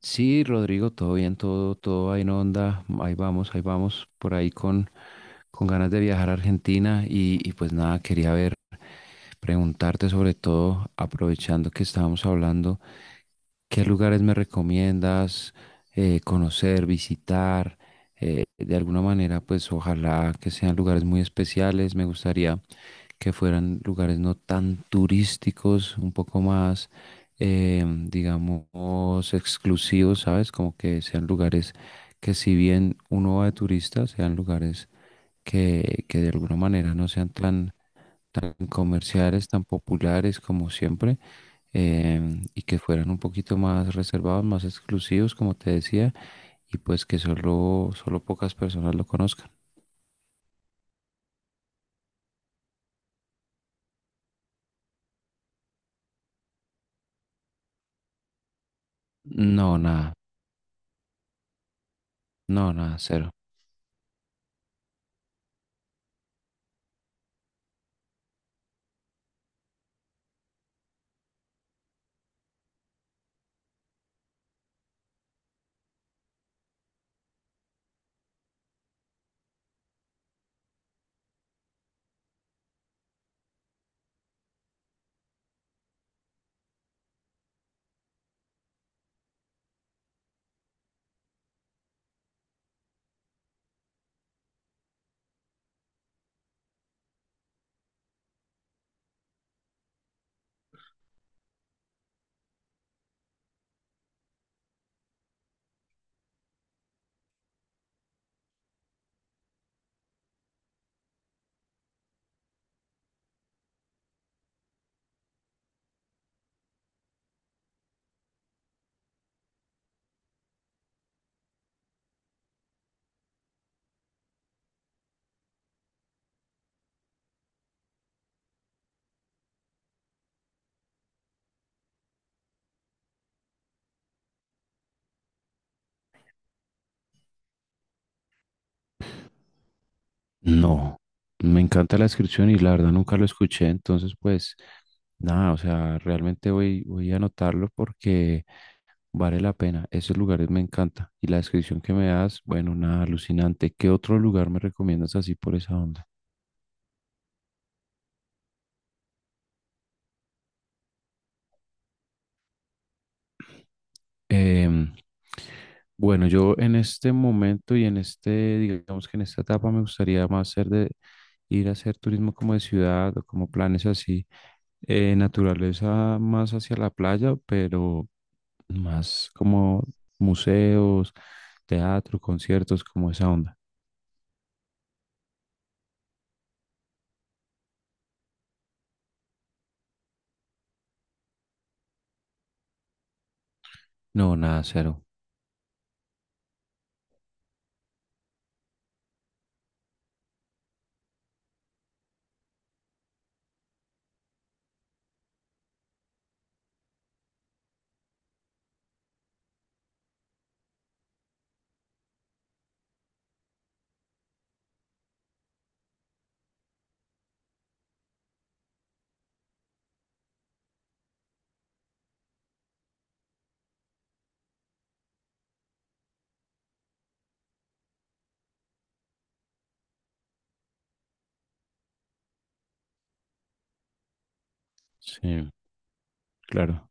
Sí, Rodrigo, todo bien, todo, todo ahí en onda, ahí vamos, por ahí con ganas de viajar a Argentina y pues nada, quería ver, preguntarte sobre todo, aprovechando que estábamos hablando, ¿qué lugares me recomiendas conocer, visitar? De alguna manera, pues ojalá que sean lugares muy especiales, me gustaría que fueran lugares no tan turísticos, un poco más, eh, digamos, exclusivos, ¿sabes? Como que sean lugares que si bien uno va de turista, sean lugares que de alguna manera no sean tan, tan comerciales, tan populares como siempre, y que fueran un poquito más reservados, más exclusivos, como te decía, y pues que solo, solo pocas personas lo conozcan. No, nada, no, nada, cero. No, me encanta la descripción y la verdad nunca lo escuché, entonces pues nada, o sea, realmente voy, voy a anotarlo porque vale la pena, esos lugares me encanta y la descripción que me das, bueno, nada, alucinante. ¿Qué otro lugar me recomiendas así por esa onda? Em, bueno, yo en este momento y en este, digamos que en esta etapa me gustaría más ser de ir a hacer turismo como de ciudad o como planes así, naturaleza más hacia la playa, pero... Más como museos, teatro, conciertos, como esa onda. No, nada, cero. Sí, claro.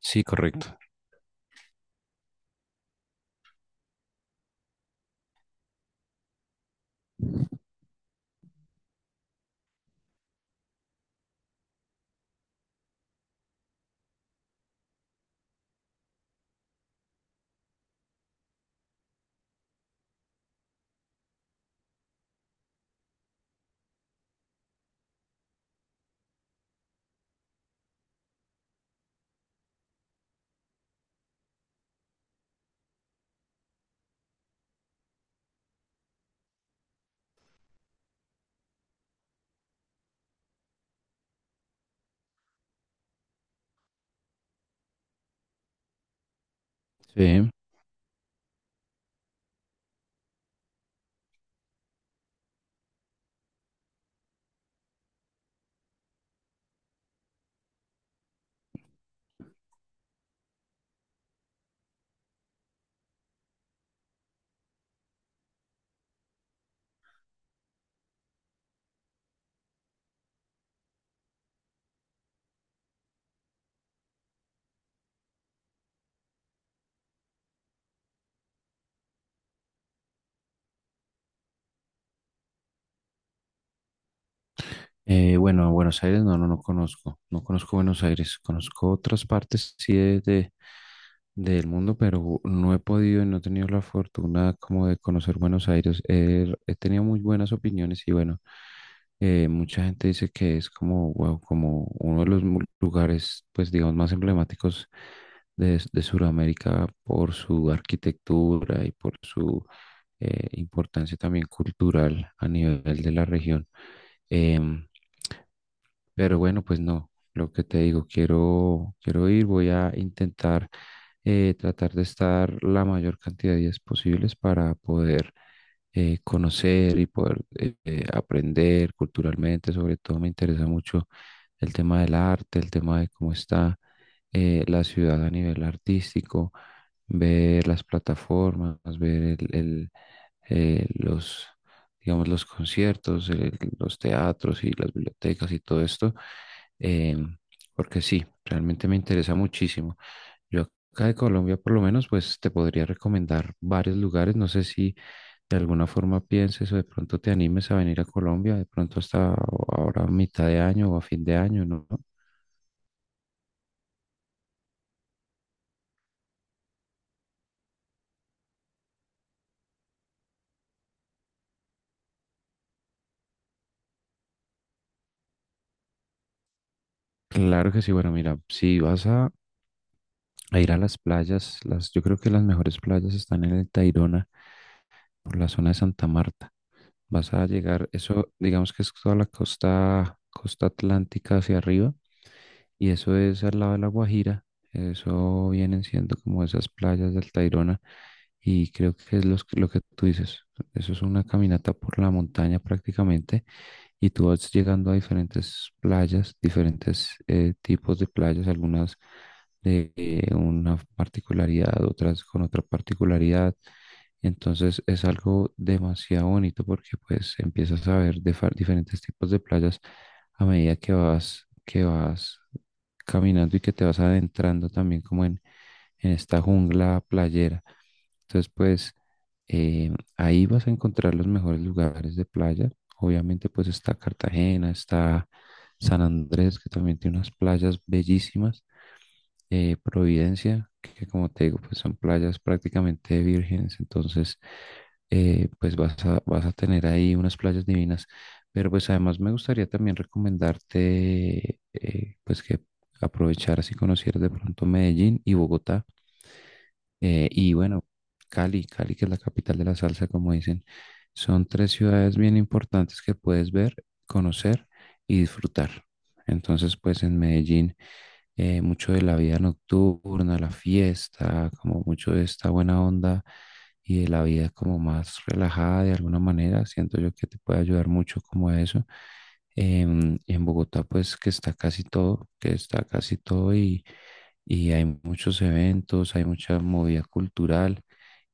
Sí, correcto. Sí. Bueno, a Buenos Aires no conozco. No conozco Buenos Aires. Conozco otras partes, sí, del mundo, pero no he podido y no he tenido la fortuna como de conocer Buenos Aires. He tenido muy buenas opiniones y bueno, mucha gente dice que es como wow, como uno de los lugares, pues digamos, más emblemáticos de Sudamérica por su arquitectura y por su importancia también cultural a nivel de la región. Em, pero bueno, pues no, lo que te digo, quiero, quiero ir, voy a intentar tratar de estar la mayor cantidad de días posibles para poder conocer y poder aprender culturalmente. Sobre todo me interesa mucho el tema del arte, el tema de cómo está la ciudad a nivel artístico, ver las plataformas, ver los, digamos, los conciertos, los teatros y las bibliotecas y todo esto, eh, porque sí, realmente me interesa muchísimo. Yo acá de Colombia, por lo menos, pues te podría recomendar varios lugares. No sé si de alguna forma pienses o de pronto te animes a venir a Colombia, de pronto hasta ahora a mitad de año o a fin de año, ¿no? Claro que sí, bueno, mira, si vas a ir a las playas. Las, yo creo que las mejores playas están en el Tayrona, por la zona de Santa Marta. Vas a llegar, eso digamos que es toda la costa, costa atlántica hacia arriba, y eso es al lado de la Guajira. Eso vienen siendo como esas playas del Tayrona, y creo que es lo que tú dices. Eso es una caminata por la montaña prácticamente y tú vas llegando a diferentes playas, diferentes tipos de playas, algunas de una particularidad, otras con otra particularidad. Entonces es algo demasiado bonito porque pues empiezas a ver diferentes tipos de playas a medida que vas caminando y que te vas adentrando también como en esta jungla playera. Entonces, pues ahí vas a encontrar los mejores lugares de playa. Obviamente, pues está Cartagena, está San Andrés, que también tiene unas playas bellísimas. Providencia, que como te digo, pues son playas prácticamente vírgenes. Entonces, pues vas a, vas a tener ahí unas playas divinas. Pero pues además me gustaría también recomendarte, pues que aprovecharas y conocieras de pronto Medellín y Bogotá, y bueno, Cali, Cali, que es la capital de la salsa, como dicen, son tres ciudades bien importantes que puedes ver, conocer y disfrutar. Entonces, pues en Medellín, mucho de la vida nocturna, la fiesta, como mucho de esta buena onda y de la vida como más relajada de alguna manera, siento yo que te puede ayudar mucho como a eso. En Bogotá, pues que está casi todo, que está casi todo y hay muchos eventos, hay mucha movida cultural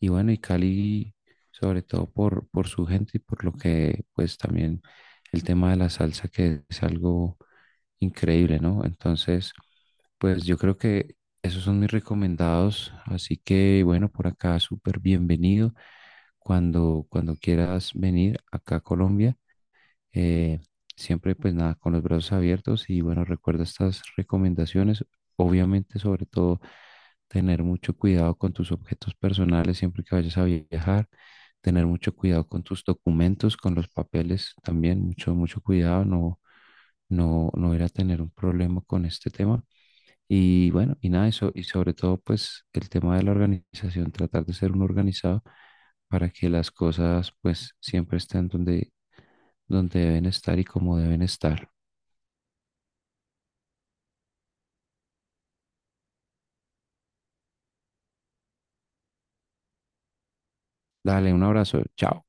y bueno, y Cali sobre todo por su gente y por lo que pues también el tema de la salsa que es algo increíble, ¿no? Entonces, pues yo creo que esos son mis recomendados, así que bueno, por acá súper bienvenido cuando, cuando quieras venir acá a Colombia. Eh, Siempre pues nada, con los brazos abiertos y bueno, recuerda estas recomendaciones. Obviamente, sobre todo, tener mucho cuidado con tus objetos personales siempre que vayas a viajar, tener mucho cuidado con tus documentos, con los papeles también, mucho, mucho cuidado, no ir a tener un problema con este tema. Y bueno, y nada, eso, y sobre todo, pues el tema de la organización, tratar de ser un organizado para que las cosas, pues siempre estén donde, donde deben estar y como deben estar. Dale, un abrazo, chao.